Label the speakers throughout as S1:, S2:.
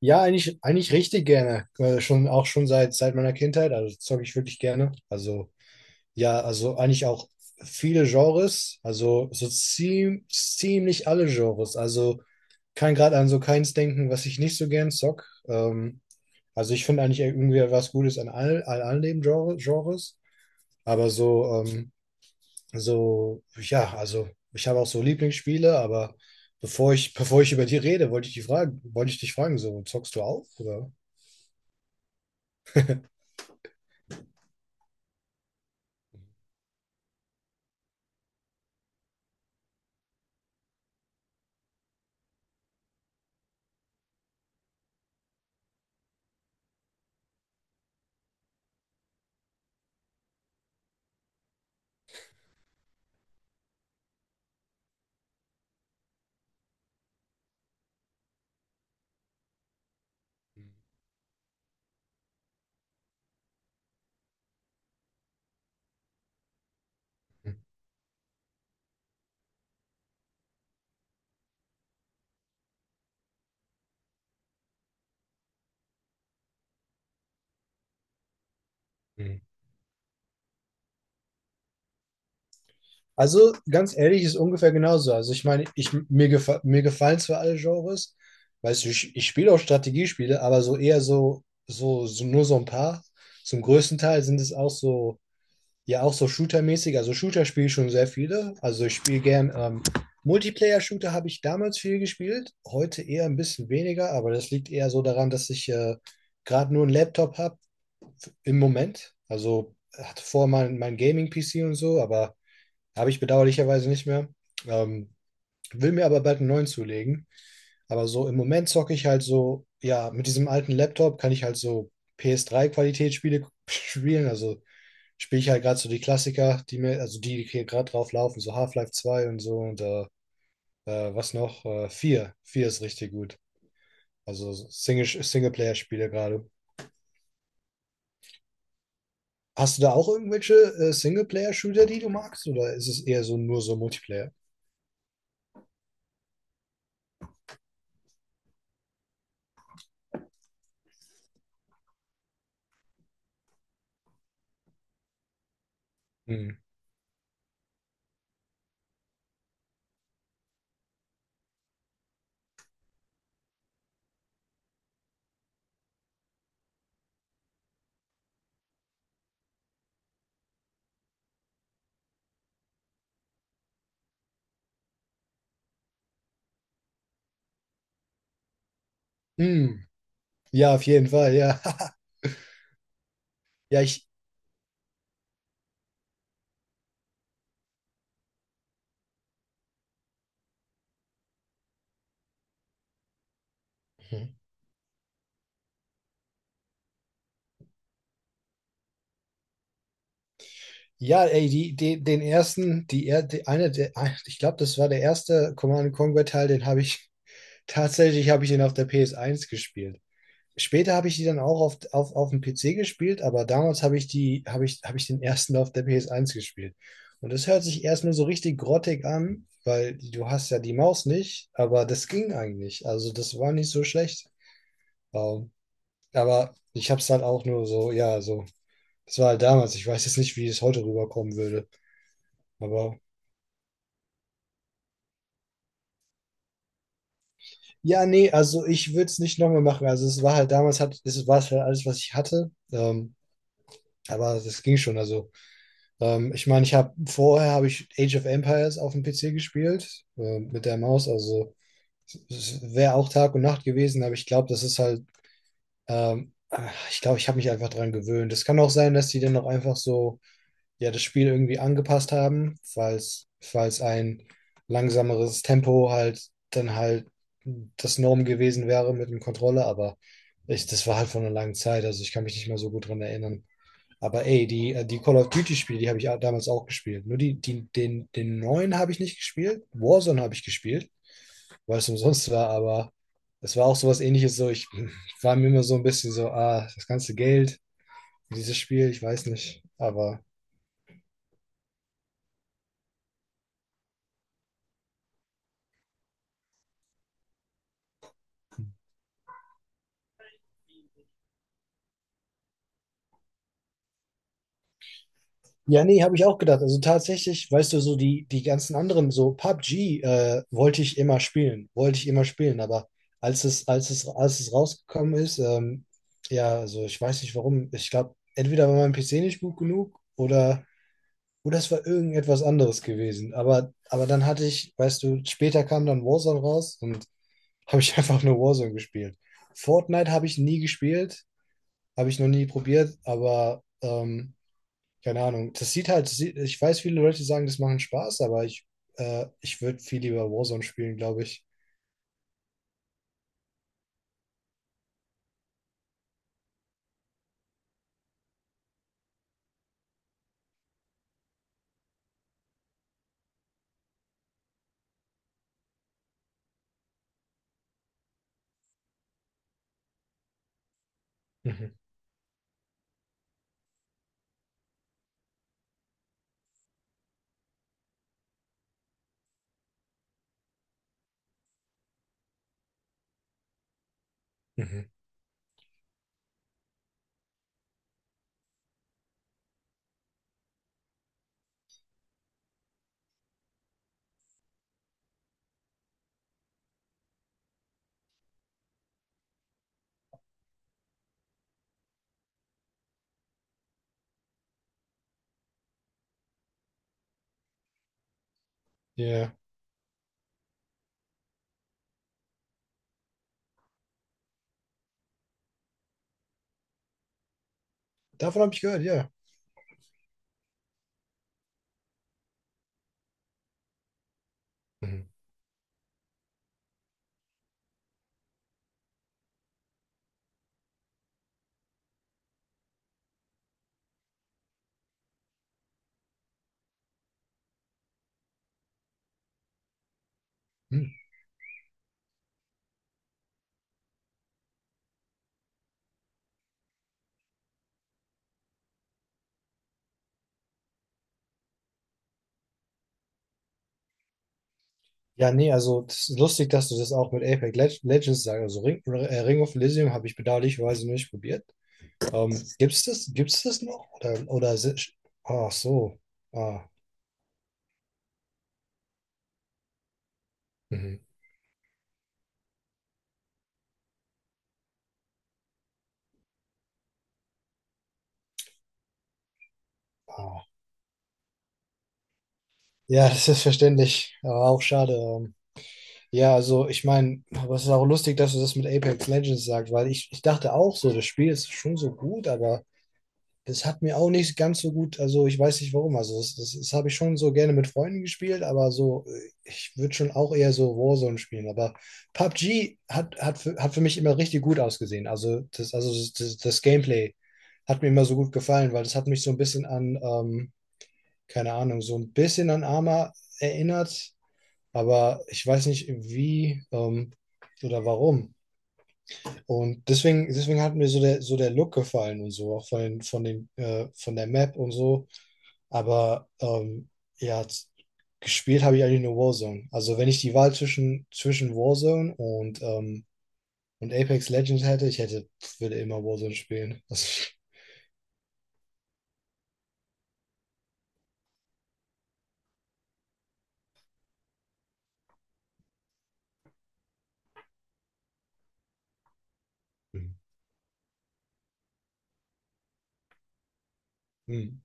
S1: Ja, eigentlich richtig gerne. Schon, auch schon seit meiner Kindheit. Also zocke ich wirklich gerne. Also eigentlich auch viele Genres. Also so ziemlich alle Genres. Also kann gerade an so keins denken, was ich nicht so gern zock. Also ich finde eigentlich irgendwie was Gutes an all den Genres. Aber also ich habe auch so Lieblingsspiele, aber bevor ich über die rede, wollte ich dich fragen, so zockst du auch, oder? Mhm. Also ganz ehrlich, ist ungefähr genauso. Also ich meine, ich, mir, gefa mir gefallen zwar alle Genres, weißt du, ich spiele auch Strategiespiele, aber so eher so nur so ein paar. Zum größten Teil sind es auch so, ja auch so Shooter-mäßig. Also Shooter spiele ich schon sehr viele. Also ich spiele gern Multiplayer-Shooter habe ich damals viel gespielt, heute eher ein bisschen weniger, aber das liegt eher so daran, dass ich gerade nur einen Laptop habe im Moment. Also hatte vorher mal mein Gaming-PC und so, aber habe ich bedauerlicherweise nicht mehr. Ähm, Will mir aber bald einen neuen zulegen. Aber so im Moment zocke ich halt so, ja, mit diesem alten Laptop kann ich halt so PS3-Qualitätsspiele spielen. Also spiele ich halt gerade so die Klassiker, die mir, also die hier gerade drauf laufen, so Half-Life 2 und so und was noch? Vier 4 ist richtig gut. Also Singleplayer-Spiele gerade. Hast du da auch irgendwelche Singleplayer-Shooter, die du magst? Oder ist es eher so nur so Multiplayer? Hm. Hm. Ja, auf jeden Fall, ja. Ja, ich. Mhm. Ja, ey, die, die, den ersten, die, er- die eine, der, ein- ich glaube, das war der erste Command Conquer Teil, den habe ich tatsächlich habe ich den auf der PS1 gespielt. Später habe ich die dann auch auf dem PC gespielt, aber damals habe ich habe ich den ersten auf der PS1 gespielt. Und das hört sich erstmal so richtig grottig an, weil du hast ja die Maus nicht, aber das ging eigentlich. Also das war nicht so schlecht. Ähm, aber ich habe es halt auch nur so, ja, so. Das war halt damals. Ich weiß jetzt nicht, wie es heute rüberkommen würde. Aber ja, nee, also ich würde es nicht nochmal machen. Es war halt alles, was ich hatte. Aber das ging schon. Also ich meine, ich habe vorher habe ich Age of Empires auf dem PC gespielt mit der Maus. Also es wäre auch Tag und Nacht gewesen, aber ich glaube, das ist halt, ich glaube, ich habe mich einfach dran gewöhnt. Es kann auch sein, dass die dann noch einfach so ja das Spiel irgendwie angepasst haben, falls ein langsameres Tempo halt dann halt das Norm gewesen wäre mit dem Controller, aber das war halt von einer langen Zeit, also ich kann mich nicht mehr so gut dran erinnern. Aber die Call of Duty-Spiele, die habe ich auch damals auch gespielt. Nur den neuen habe ich nicht gespielt. Warzone habe ich gespielt, weil es umsonst war, aber es war auch sowas ähnliches. So, war mir immer so ein bisschen so, ah, das ganze Geld, dieses Spiel, ich weiß nicht. Aber ja, nee, habe ich auch gedacht. Also tatsächlich, weißt du, so die ganzen anderen, so PUBG, wollte ich immer spielen, wollte ich immer spielen, aber als es rausgekommen ist, ja, also ich weiß nicht warum. Ich glaube, entweder war mein PC nicht gut genug oder es war irgendetwas anderes gewesen. Aber dann hatte ich, weißt du, später kam dann Warzone raus und habe ich einfach nur Warzone gespielt. Fortnite habe ich nie gespielt, habe ich noch nie probiert, aber keine Ahnung. Das sieht halt, sie- ich weiß, viele Leute sagen, das macht Spaß, aber ich würde viel lieber Warzone spielen, glaube ich. Mhm. Mhm. Ja. Davon habe ich gehört, ja. Mhm. Hm. Ja, nee, also das ist lustig, dass du das auch mit Apex Leg- Legends sagst. Also Ring of Elysium habe ich bedauerlicherweise nicht probiert. Ähm, Gibt's das, gibt's das noch? Oder si- ach so. Ah. Mhm. Ah. Ja, das ist verständlich, aber auch schade. Ja, also ich meine, aber es ist auch lustig, dass du das mit Apex Legends sagst, weil ich dachte auch so, das Spiel ist schon so gut, aber das hat mir auch nicht ganz so gut, also ich weiß nicht warum, also das habe ich schon so gerne mit Freunden gespielt, aber so, ich würde schon auch eher so Warzone spielen, aber PUBG hat, hat, für, hat für mich immer richtig gut ausgesehen, also das Gameplay hat mir immer so gut gefallen, weil das hat mich so ein bisschen an, keine Ahnung, so ein bisschen an Arma erinnert, aber ich weiß nicht, wie oder warum. Und deswegen hat mir so der Look gefallen und so, auch von der Map und so. Aber ja, z- gespielt habe ich eigentlich nur Warzone. Also wenn ich die Wahl zwischen Warzone und Apex Legends hätte, würde immer Warzone spielen. Das. Mhm. Hm.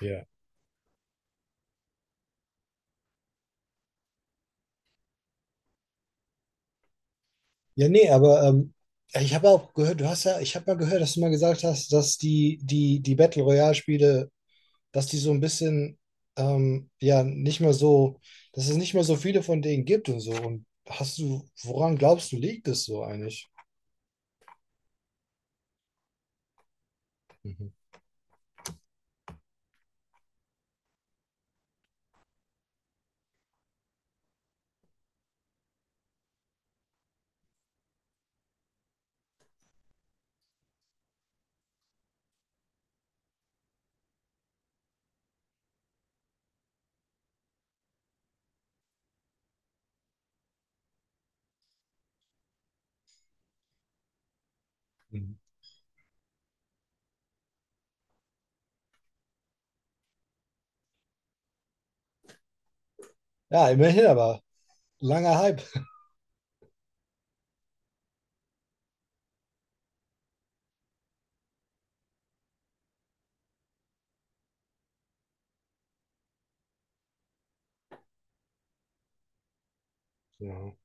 S1: Ja. Ja, nee, aber ich habe auch gehört, ich habe mal gehört, dass du mal gesagt hast, dass die Battle Royale-Spiele, dass die so ein bisschen, ja, nicht mehr so, dass es nicht mehr so viele von denen gibt und so. Und hast du, woran glaubst du, liegt es so eigentlich? Mhm. Mhm. Ja, immerhin, aber langer Hype. Ja.